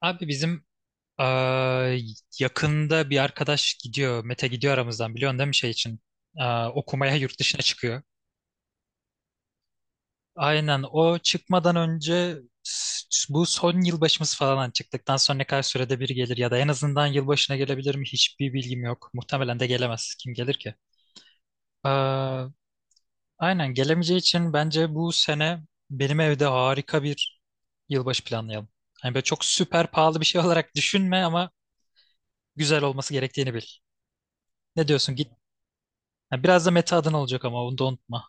Abi bizim eee, yakında bir arkadaş gidiyor. Mete gidiyor aramızdan biliyorsun değil mi şey için? Okumaya yurt dışına çıkıyor. Aynen o çıkmadan önce bu son yılbaşımız falan hani çıktıktan sonra ne kadar sürede bir gelir ya da en azından yılbaşına gelebilir mi hiçbir bilgim yok. Muhtemelen de gelemez. Kim gelir ki? Eee, aynen gelemeyeceği için bence bu sene benim evde harika bir yılbaşı planlayalım. Hani böyle çok süper pahalı bir şey olarak düşünme ama güzel olması gerektiğini bil. Ne diyorsun git. Ha, biraz da meta adına olacak ama onu da unutma.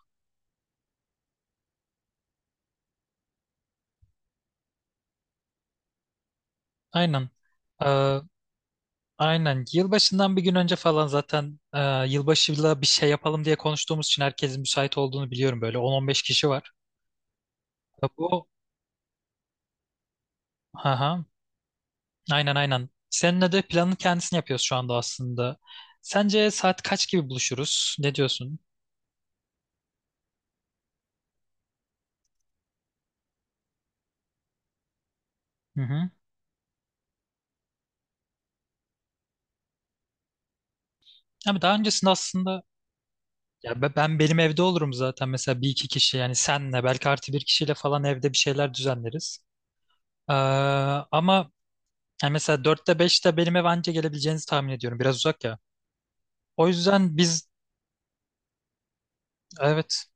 Aynen. Ee, aynen. Yılbaşından bir gün önce falan zaten yılbaşıyla bir şey yapalım diye konuştuğumuz için herkesin müsait olduğunu biliyorum. Böyle 10-15 kişi var. Ya Bu Aha, aynen aynen. Seninle de planın kendisini yapıyoruz şu anda aslında. Sence saat kaç gibi buluşuruz? Ne diyorsun? Hı hı. Ama daha öncesinde aslında ya ben benim evde olurum zaten mesela bir iki kişi yani senle belki artı bir kişiyle falan evde bir şeyler düzenleriz. Ee, ama Yani mesela dörtte beşte benim eve anca gelebileceğinizi tahmin ediyorum. Biraz uzak ya. O yüzden evet.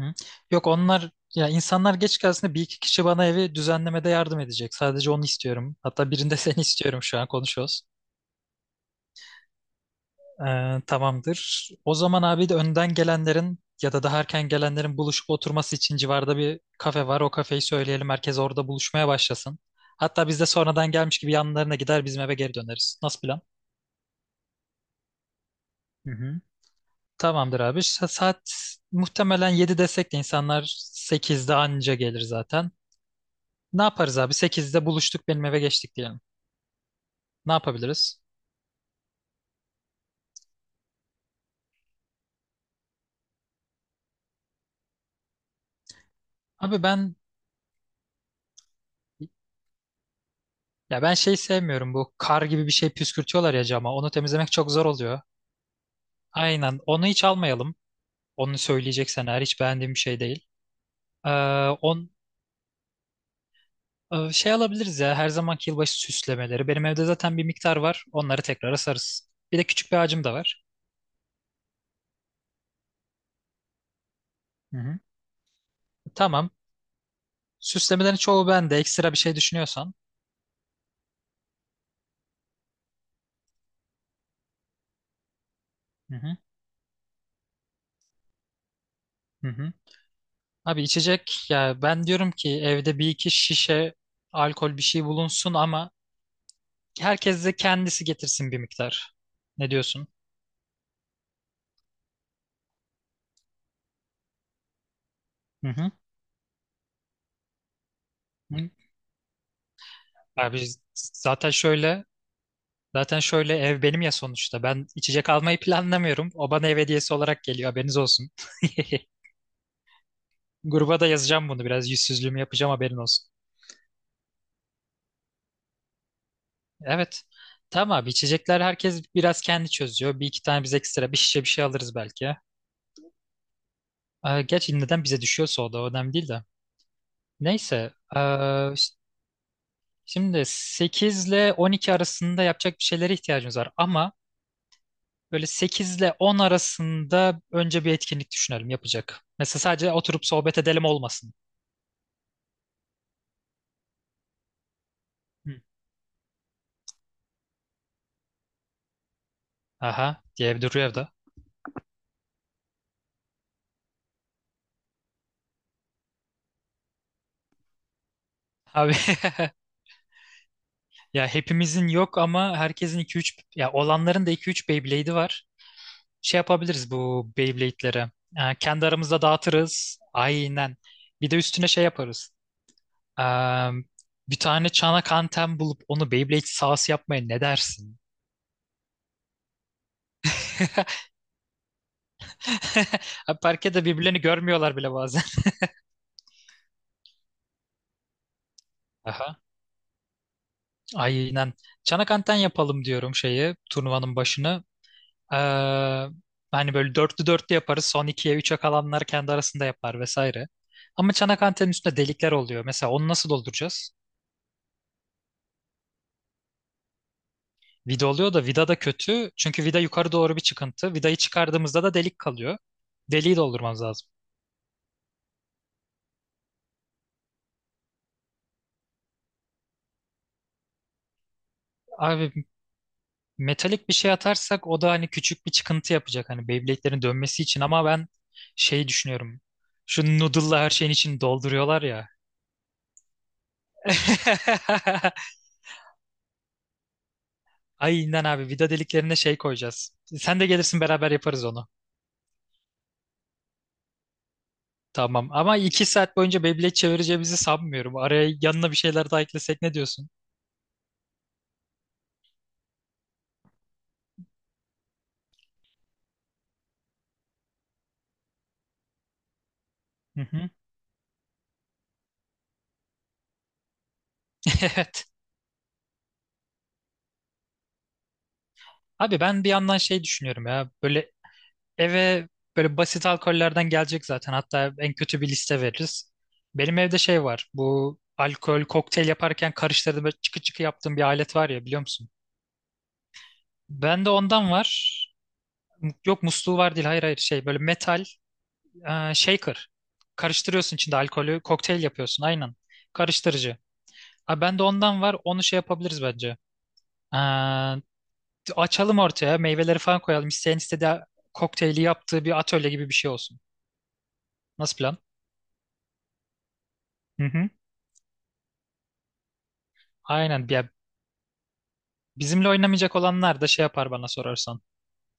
Hı. Yok, ya insanlar geç gelsin de bir iki kişi bana evi düzenlemede yardım edecek. Sadece onu istiyorum. Hatta birinde seni istiyorum şu an konuşuyoruz. Tamamdır. O zaman abi de önden gelenlerin ya da daha erken gelenlerin buluşup oturması için civarda bir kafe var. O kafeyi söyleyelim. Herkes orada buluşmaya başlasın. Hatta biz de sonradan gelmiş gibi yanlarına gider bizim eve geri döneriz. Nasıl plan? Hı hı. Tamamdır abi. Saat muhtemelen 7 desek de insanlar 8'de anca gelir zaten. Ne yaparız abi? 8'de buluştuk benim eve geçtik diyelim. Ne yapabiliriz? Abi ya ben şey sevmiyorum bu kar gibi bir şey püskürtüyorlar ya cama. Onu temizlemek çok zor oluyor. Aynen. Onu hiç almayalım. Onu söyleyeceksen eğer hiç beğendiğim bir şey değil. Ee, on şey alabiliriz ya her zamanki yılbaşı süslemeleri. Benim evde zaten bir miktar var. Onları tekrar asarız. Bir de küçük bir ağacım da var. Hı hı. Tamam. Süslemelerin çoğu bende. Ekstra bir şey düşünüyorsan. Hı hı hı hı. Abi içecek ya ben diyorum ki evde bir iki şişe alkol bir şey bulunsun ama herkes de kendisi getirsin bir miktar. Ne diyorsun? Hı hı, hı. Abi zaten şöyle ev benim ya sonuçta. Ben içecek almayı planlamıyorum. O bana ev hediyesi olarak geliyor haberiniz olsun. Gruba da yazacağım bunu biraz yüzsüzlüğümü yapacağım haberin olsun. Evet. Tamam abi içecekler herkes biraz kendi çözüyor. Bir iki tane biz ekstra bir şişe bir şey alırız belki. Gerçi neden bize düşüyorsa o da önemli değil de. Neyse. Şimdi 8 ile 12 arasında yapacak bir şeylere ihtiyacımız var. Ama böyle 8 ile 10 arasında önce bir etkinlik düşünelim yapacak. Mesela sadece oturup sohbet edelim olmasın. Hı. Aha diye bir duruyor evde. Abi ya hepimizin yok ama herkesin iki üç, ya olanların da iki üç Beyblade'i var. Şey yapabiliriz bu Beyblade'lere. Kendi aramızda dağıtırız. Aynen. Bir de üstüne şey yaparız. Ee, bir tane çanak anten bulup onu Beyblade sahası yapmaya ne dersin? Abi parkede birbirlerini görmüyorlar bile bazen. Aha. Aynen. Çanak anten yapalım diyorum şeyi turnuvanın başını. Ee, hani böyle dörtlü dörtlü yaparız. Son ikiye üçe kalanlar kendi arasında yapar vesaire. Ama çanak antenin üstünde delikler oluyor. Mesela onu nasıl dolduracağız? Vida oluyor da vida da kötü. Çünkü vida yukarı doğru bir çıkıntı. Vidayı çıkardığımızda da delik kalıyor. Deliği doldurmamız lazım. Abi metalik bir şey atarsak o da hani küçük bir çıkıntı yapacak hani Beyblade'lerin dönmesi için ama ben şey düşünüyorum. Şu noodle'la her şeyin içini dolduruyorlar ya. Aynen abi vida deliklerine şey koyacağız. Sen de gelirsin beraber yaparız onu. Tamam ama 2 saat boyunca Beyblade çevireceğimizi sanmıyorum. Araya yanına bir şeyler daha eklesek ne diyorsun? Hı hı. Evet. Abi ben bir yandan şey düşünüyorum ya böyle eve böyle basit alkollerden gelecek zaten hatta en kötü bir liste veririz. Benim evde şey var bu alkol kokteyl yaparken karıştırdım böyle çıkı çıkı yaptığım bir alet var ya biliyor musun? Bende ondan var. Yok musluğu var değil hayır hayır şey böyle metal shaker. Karıştırıyorsun içinde alkolü kokteyl yapıyorsun aynen karıştırıcı. Abi bende ondan var onu şey yapabiliriz bence. Açalım ortaya meyveleri falan koyalım. İsteyen istediği kokteyli yaptığı bir atölye gibi bir şey olsun. Nasıl plan? Hı hı. Aynen. Ya bizimle oynamayacak olanlar da şey yapar bana sorarsan.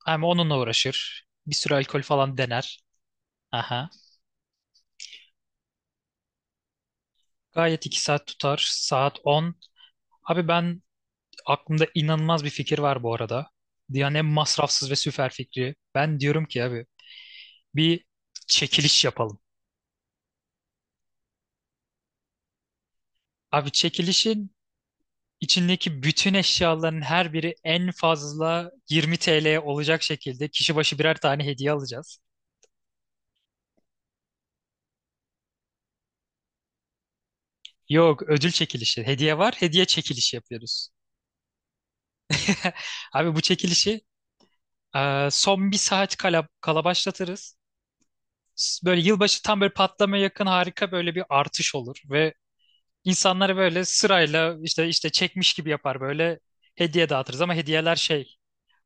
Hem onunla uğraşır. Bir sürü alkol falan dener. Aha. Gayet 2 saat tutar. Saat 10 Abi ben aklımda inanılmaz bir fikir var bu arada. Dünyanın en masrafsız ve süper fikri. Ben diyorum ki abi bir çekiliş yapalım. Abi çekilişin İçindeki bütün eşyaların her biri en fazla 20 TL olacak şekilde kişi başı birer tane hediye alacağız. Yok, ödül çekilişi. Hediye var, hediye çekilişi yapıyoruz. Abi bu çekilişi son bir saat kala başlatırız. Böyle yılbaşı tam böyle patlamaya yakın harika böyle bir artış olur ve insanları böyle sırayla işte işte çekmiş gibi yapar böyle hediye dağıtırız ama hediyeler şey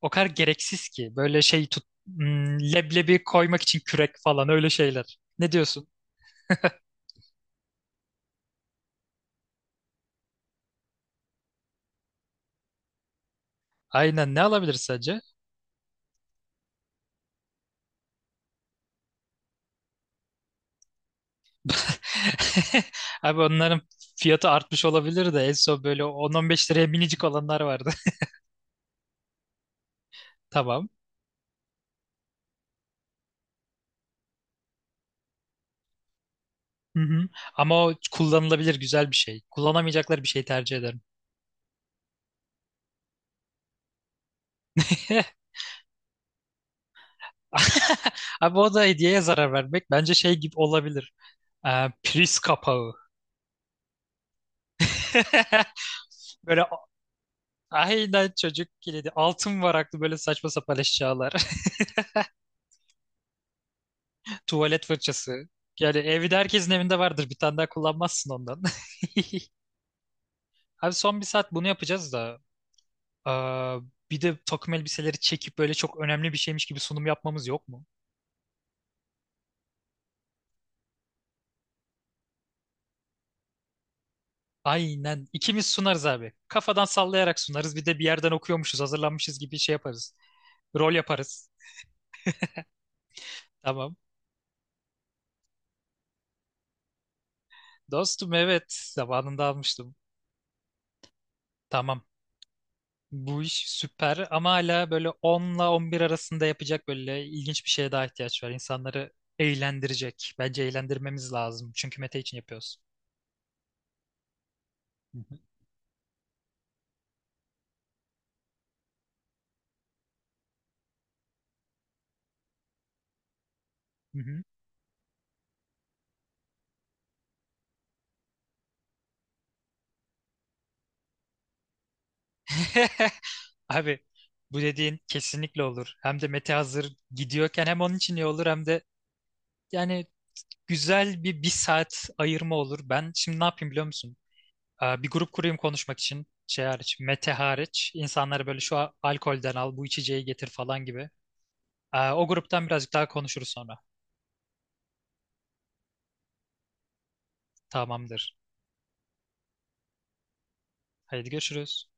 O kadar gereksiz ki. Böyle şey tut leblebi koymak için kürek falan öyle şeyler. Ne diyorsun? Aynen ne alabiliriz sence? Abi onların fiyatı artmış olabilir de en son böyle 10-15 liraya minicik olanlar vardı. Tamam. Hı hı. Ama o kullanılabilir güzel bir şey. Kullanamayacakları bir şey tercih ederim. Abi o da hediyeye zarar vermek bence şey gibi olabilir. Priz kapağı. Böyle aynen çocuk kilidi. Altın varaklı böyle saçma sapan eşyalar. Tuvalet fırçası. Yani evde herkesin evinde vardır. Bir tane daha kullanmazsın ondan. Abi son bir saat bunu yapacağız da. Aa, bir de takım elbiseleri çekip böyle çok önemli bir şeymiş gibi sunum yapmamız yok mu? Aynen. İkimiz sunarız abi. Kafadan sallayarak sunarız. Bir de bir yerden okuyormuşuz, hazırlanmışız gibi şey yaparız. Rol yaparız. Tamam. Dostum evet. Zamanında almıştım. Tamam. Bu iş süper ama hala böyle 10'la 11 arasında yapacak böyle ilginç bir şeye daha ihtiyaç var. İnsanları eğlendirecek. Bence eğlendirmemiz lazım. Çünkü Mete için yapıyoruz. Hı hı. Hı hı. Abi bu dediğin kesinlikle olur. Hem de Mete hazır gidiyorken hem onun için iyi olur hem de yani güzel bir saat ayırma olur. Ben şimdi ne yapayım biliyor musun? Bir grup kurayım konuşmak için şey hariç, Mete hariç. İnsanları böyle şu alkolden al, bu içeceği getir falan gibi. O gruptan birazcık daha konuşuruz sonra. Tamamdır. Haydi görüşürüz.